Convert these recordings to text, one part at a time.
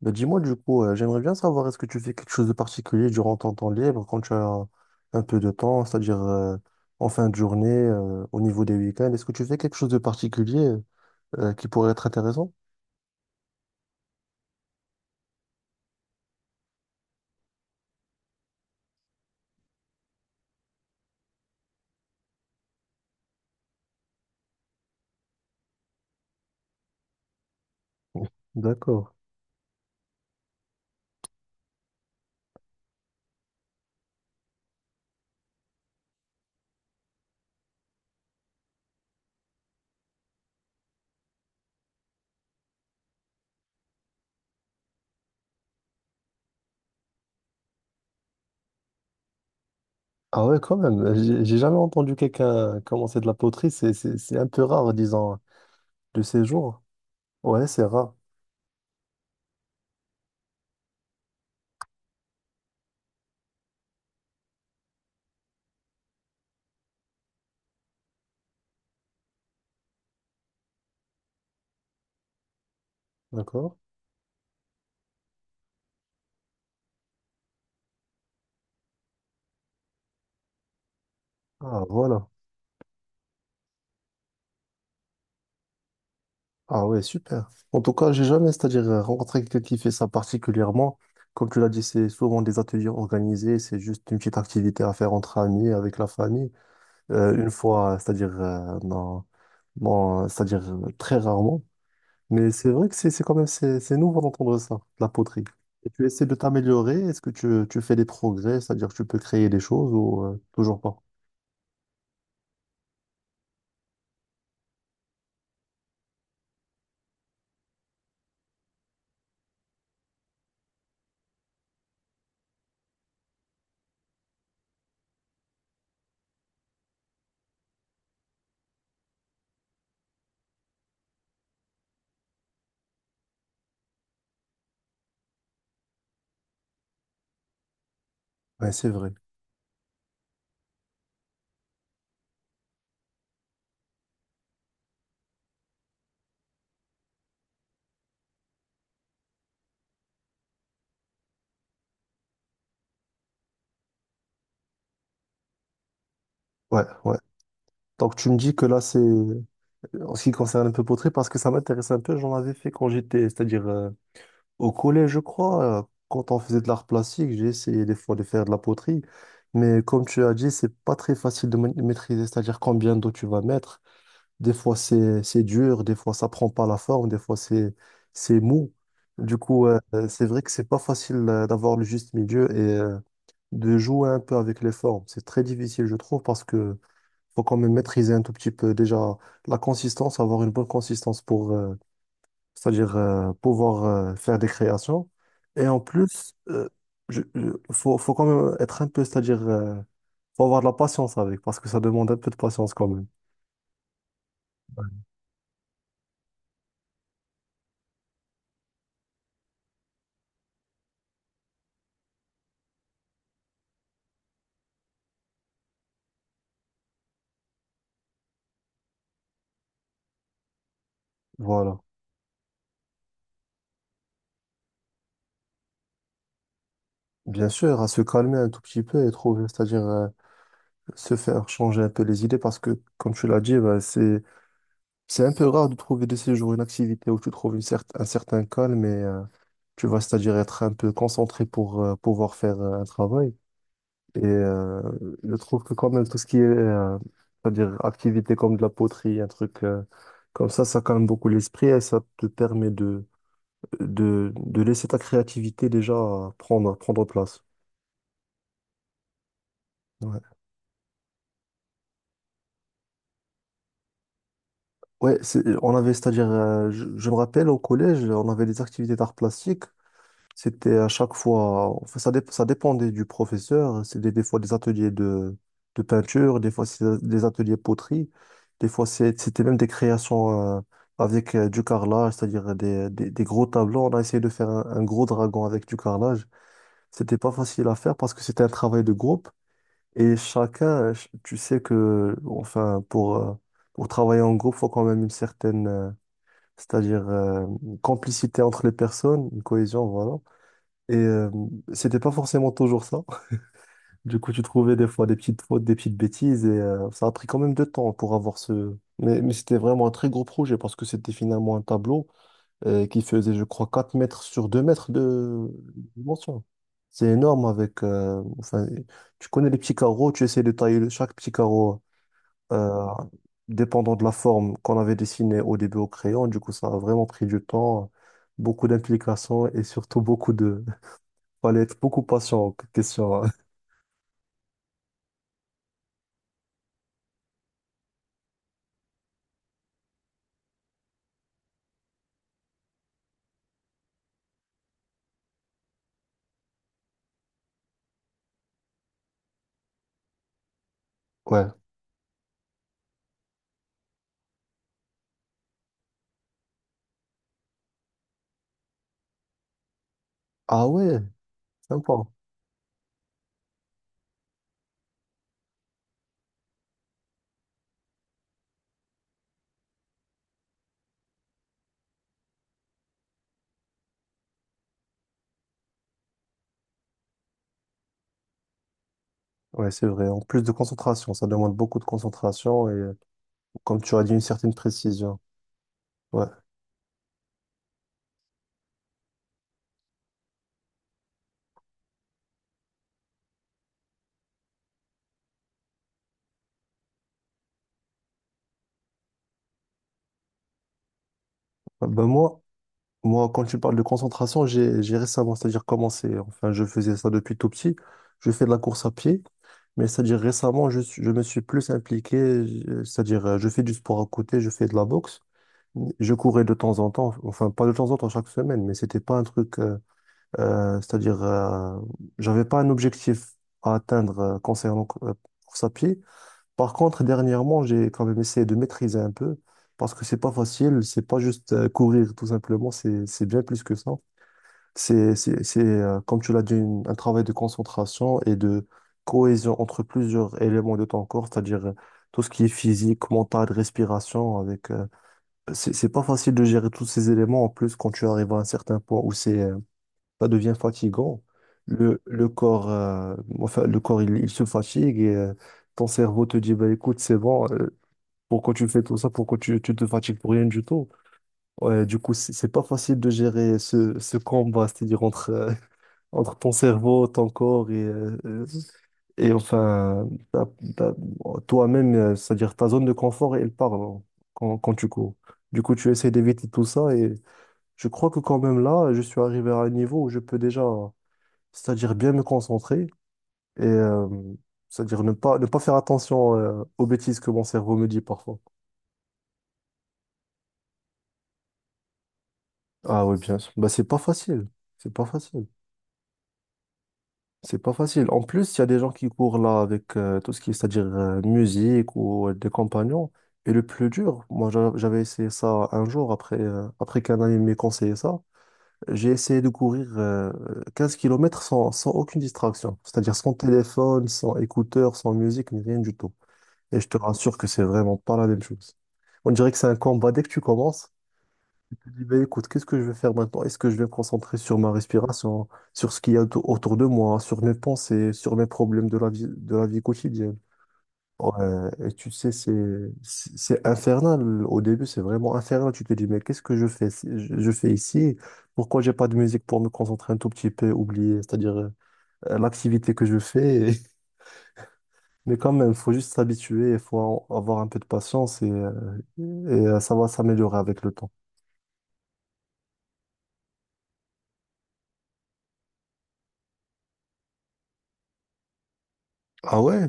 Bah dis-moi du coup, j'aimerais bien savoir est-ce que tu fais quelque chose de particulier durant ton temps libre quand tu as un peu de temps, c'est-à-dire en fin de journée, au niveau des week-ends, est-ce que tu fais quelque chose de particulier qui pourrait être intéressant? D'accord. Ah ouais, quand même. J'ai jamais entendu quelqu'un commencer de la poterie. C'est un peu rare, disons, de ces jours. Ouais, c'est rare. D'accord. Ah, voilà. Ah ouais, super. En tout cas, j'ai jamais, c'est-à-dire rencontré quelqu'un qui fait ça particulièrement. Comme tu l'as dit, c'est souvent des ateliers organisés, c'est juste une petite activité à faire entre amis, avec la famille. Une fois, c'est-à-dire non, non, c'est-à-dire très rarement. Mais c'est vrai que c'est quand même c'est nouveau d'entendre ça, la poterie. Et tu essaies de t'améliorer, est-ce que tu fais des progrès, c'est-à-dire que tu peux créer des choses ou toujours pas? Ouais, c'est vrai. Ouais, ouais. Donc tu me dis que là, c'est en ce qui concerne un peu poterie, parce que ça m'intéresse un peu, j'en avais fait quand j'étais, c'est-à-dire au collège, je crois, quand on faisait de l'art plastique, j'ai essayé des fois de faire de la poterie, mais comme tu as dit, c'est pas très facile de maîtriser, c'est-à-dire combien d'eau tu vas mettre. Des fois, c'est dur, des fois, ça prend pas la forme, des fois, c'est mou. Du coup, c'est vrai que c'est pas facile d'avoir le juste milieu et de jouer un peu avec les formes. C'est très difficile, je trouve, parce que faut quand même maîtriser un tout petit peu déjà la consistance, avoir une bonne consistance pour, c'est-à-dire pouvoir faire des créations. Et en plus, faut quand même être un peu, c'est-à-dire faut avoir de la patience avec, parce que ça demande un peu de patience quand même. Voilà. Bien sûr, à se calmer un tout petit peu et trouver, c'est-à-dire se faire changer un peu les idées, parce que comme tu l'as dit, bah, c'est un peu rare de trouver de ces jours une activité où tu trouves une un certain calme et tu vas, c'est-à-dire être un peu concentré pour pouvoir faire un travail. Et je trouve que quand même tout ce qui est, c'est-à-dire activité comme de la poterie, un truc comme ça calme beaucoup l'esprit et ça te permet de laisser ta créativité déjà prendre place. Ouais, ouais on avait, c'est-à-dire, je me rappelle au collège, on avait des activités d'art plastique. C'était à chaque fois, enfin, ça dépendait du professeur. C'était des fois des ateliers de peinture, des fois c'est des ateliers poterie, des fois c'était même des créations avec du carrelage, c'est-à-dire des gros tableaux. On a essayé de faire un gros dragon avec du carrelage. C'était pas facile à faire parce que c'était un travail de groupe et chacun, tu sais que, enfin, pour travailler en groupe, faut quand même une certaine, c'est-à-dire complicité entre les personnes, une cohésion, voilà. Et c'était pas forcément toujours ça. Du coup, tu trouvais des fois des petites fautes, des petites bêtises, et ça a pris quand même de temps pour avoir ce. Mais c'était vraiment un très gros projet parce que c'était finalement un tableau qui faisait, je crois, 4 mètres sur 2 mètres de dimension. C'est énorme avec, enfin, tu connais les petits carreaux, tu essaies de tailler chaque petit carreau euh, dépendant de la forme qu'on avait dessinée au début au crayon. Du coup, ça a vraiment pris du temps, beaucoup d'implications et surtout beaucoup. Fallait être beaucoup patient, en question, hein. Ouais. Ah ouais, sympa. Ouais, c'est vrai. En plus de concentration, ça demande beaucoup de concentration et, comme tu as dit, une certaine précision. Ouais. Ah, ben moi, quand tu parles de concentration, j'ai récemment, c'est-à-dire commencé, enfin, je faisais ça depuis tout petit. Je fais de la course à pied. Mais c'est-à-dire récemment, je me suis plus impliqué, c'est-à-dire je fais du sport à côté, je fais de la boxe. Je courais de temps en temps, enfin pas de temps en temps chaque semaine, mais c'était pas un truc, c'est-à-dire j'avais pas un objectif à atteindre concernant course à pied. Par contre, dernièrement, j'ai quand même essayé de maîtriser un peu parce que c'est pas facile, c'est pas juste courir tout simplement, c'est bien plus que ça. C'est, comme tu l'as dit, un travail de concentration et de cohésion entre plusieurs éléments de ton corps, c'est-à-dire tout ce qui est physique, mental, respiration, avec, c'est pas facile de gérer tous ces éléments. En plus, quand tu arrives à un certain point où c'est, ça devient fatigant, le corps, enfin, le corps, il se fatigue et ton cerveau te dit, bah, écoute, c'est bon, pourquoi tu fais tout ça, pourquoi tu te fatigues pour rien du tout? Ouais, du coup, c'est pas facile de gérer ce combat, c'est-à-dire entre entre ton cerveau, ton corps et enfin, ta- toi-même, c'est-à-dire ta zone de confort, elle part hein, quand tu cours. Du coup, tu essaies d'éviter tout ça et je crois que quand même là, je suis arrivé à un niveau où je peux déjà, c'est-à-dire bien me concentrer et c'est-à-dire ne pas faire attention aux bêtises que mon cerveau me dit parfois. Ah oui, bien sûr. Bah, c'est pas facile. C'est pas facile. C'est pas facile. En plus, il y a des gens qui courent là avec tout ce qui est, c'est-à-dire musique ou des compagnons. Et le plus dur, moi j'avais essayé ça un jour après, après qu'un ami m'ait conseillé ça. J'ai essayé de courir 15 km sans aucune distraction. C'est-à-dire sans téléphone, sans écouteurs sans musique, ni rien du tout. Et je te rassure que c'est vraiment pas la même chose. On dirait que c'est un combat dès que tu commences. Je dis, ben, écoute, qu'est-ce que je vais faire maintenant? Est-ce que je vais me concentrer sur ma respiration, sur ce qu'il y a autour de moi, sur mes pensées, sur mes problèmes de la vie, quotidienne? Ouais, et tu sais, c'est infernal. Au début, c'est vraiment infernal. Tu te dis, mais qu'est-ce que je fais, je fais ici? Pourquoi j'ai pas de musique pour me concentrer un tout petit peu, oublier, c'est-à-dire l'activité que je fais. Mais quand même, faut juste s'habituer, il faut avoir un peu de patience et ça va s'améliorer avec le temps. Ah ouais?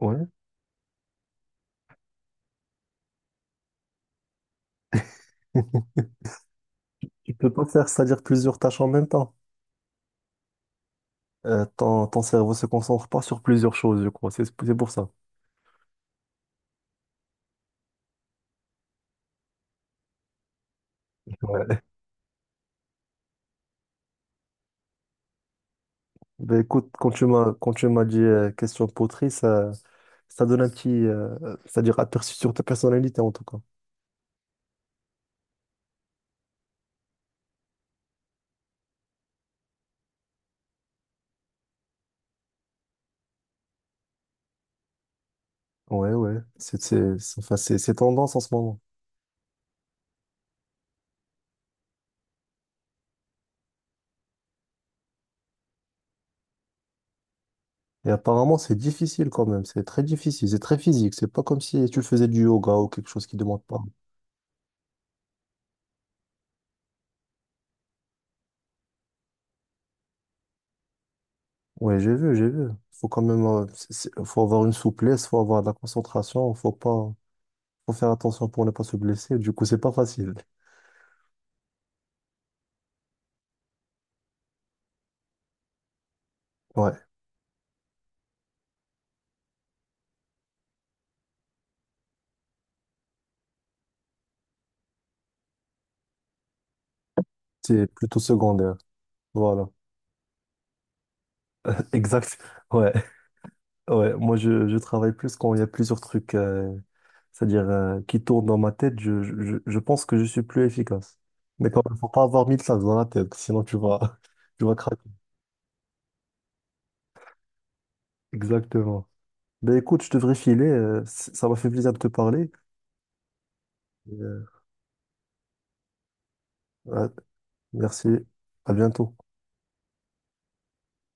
Ouais. Tu peux pas faire, c'est-à-dire plusieurs tâches en même temps. Ton cerveau se concentre pas sur plusieurs choses, je crois. C'est pour ça. Ouais. Ben écoute, quand tu m'as dit question de poterie, ça donne un petit, c'est-à-dire aperçu sur ta personnalité en tout cas. Ouais, ouais. Enfin, c'est tendance en ce moment. Et apparemment, c'est difficile quand même. C'est très difficile. C'est très physique. C'est pas comme si tu faisais du yoga ou quelque chose qui demande pas. Ouais, j'ai vu, j'ai vu. Faut quand même, faut avoir une souplesse, faut avoir de la concentration, faut pas. Faut faire attention pour ne pas se blesser. Du coup, c'est pas facile. Ouais. C'est plutôt secondaire. Voilà. Exact. Ouais. Ouais. Moi, je travaille plus quand il y a plusieurs trucs, c'est-à-dire, qui tournent dans ma tête. Je pense que je suis plus efficace. Mais quand même, faut pas avoir mille sacs dans la tête, sinon tu vas, tu vas craquer. Exactement. Ben écoute, je devrais filer, ça m'a fait plaisir de te parler. Euh, ouais. Merci. À bientôt.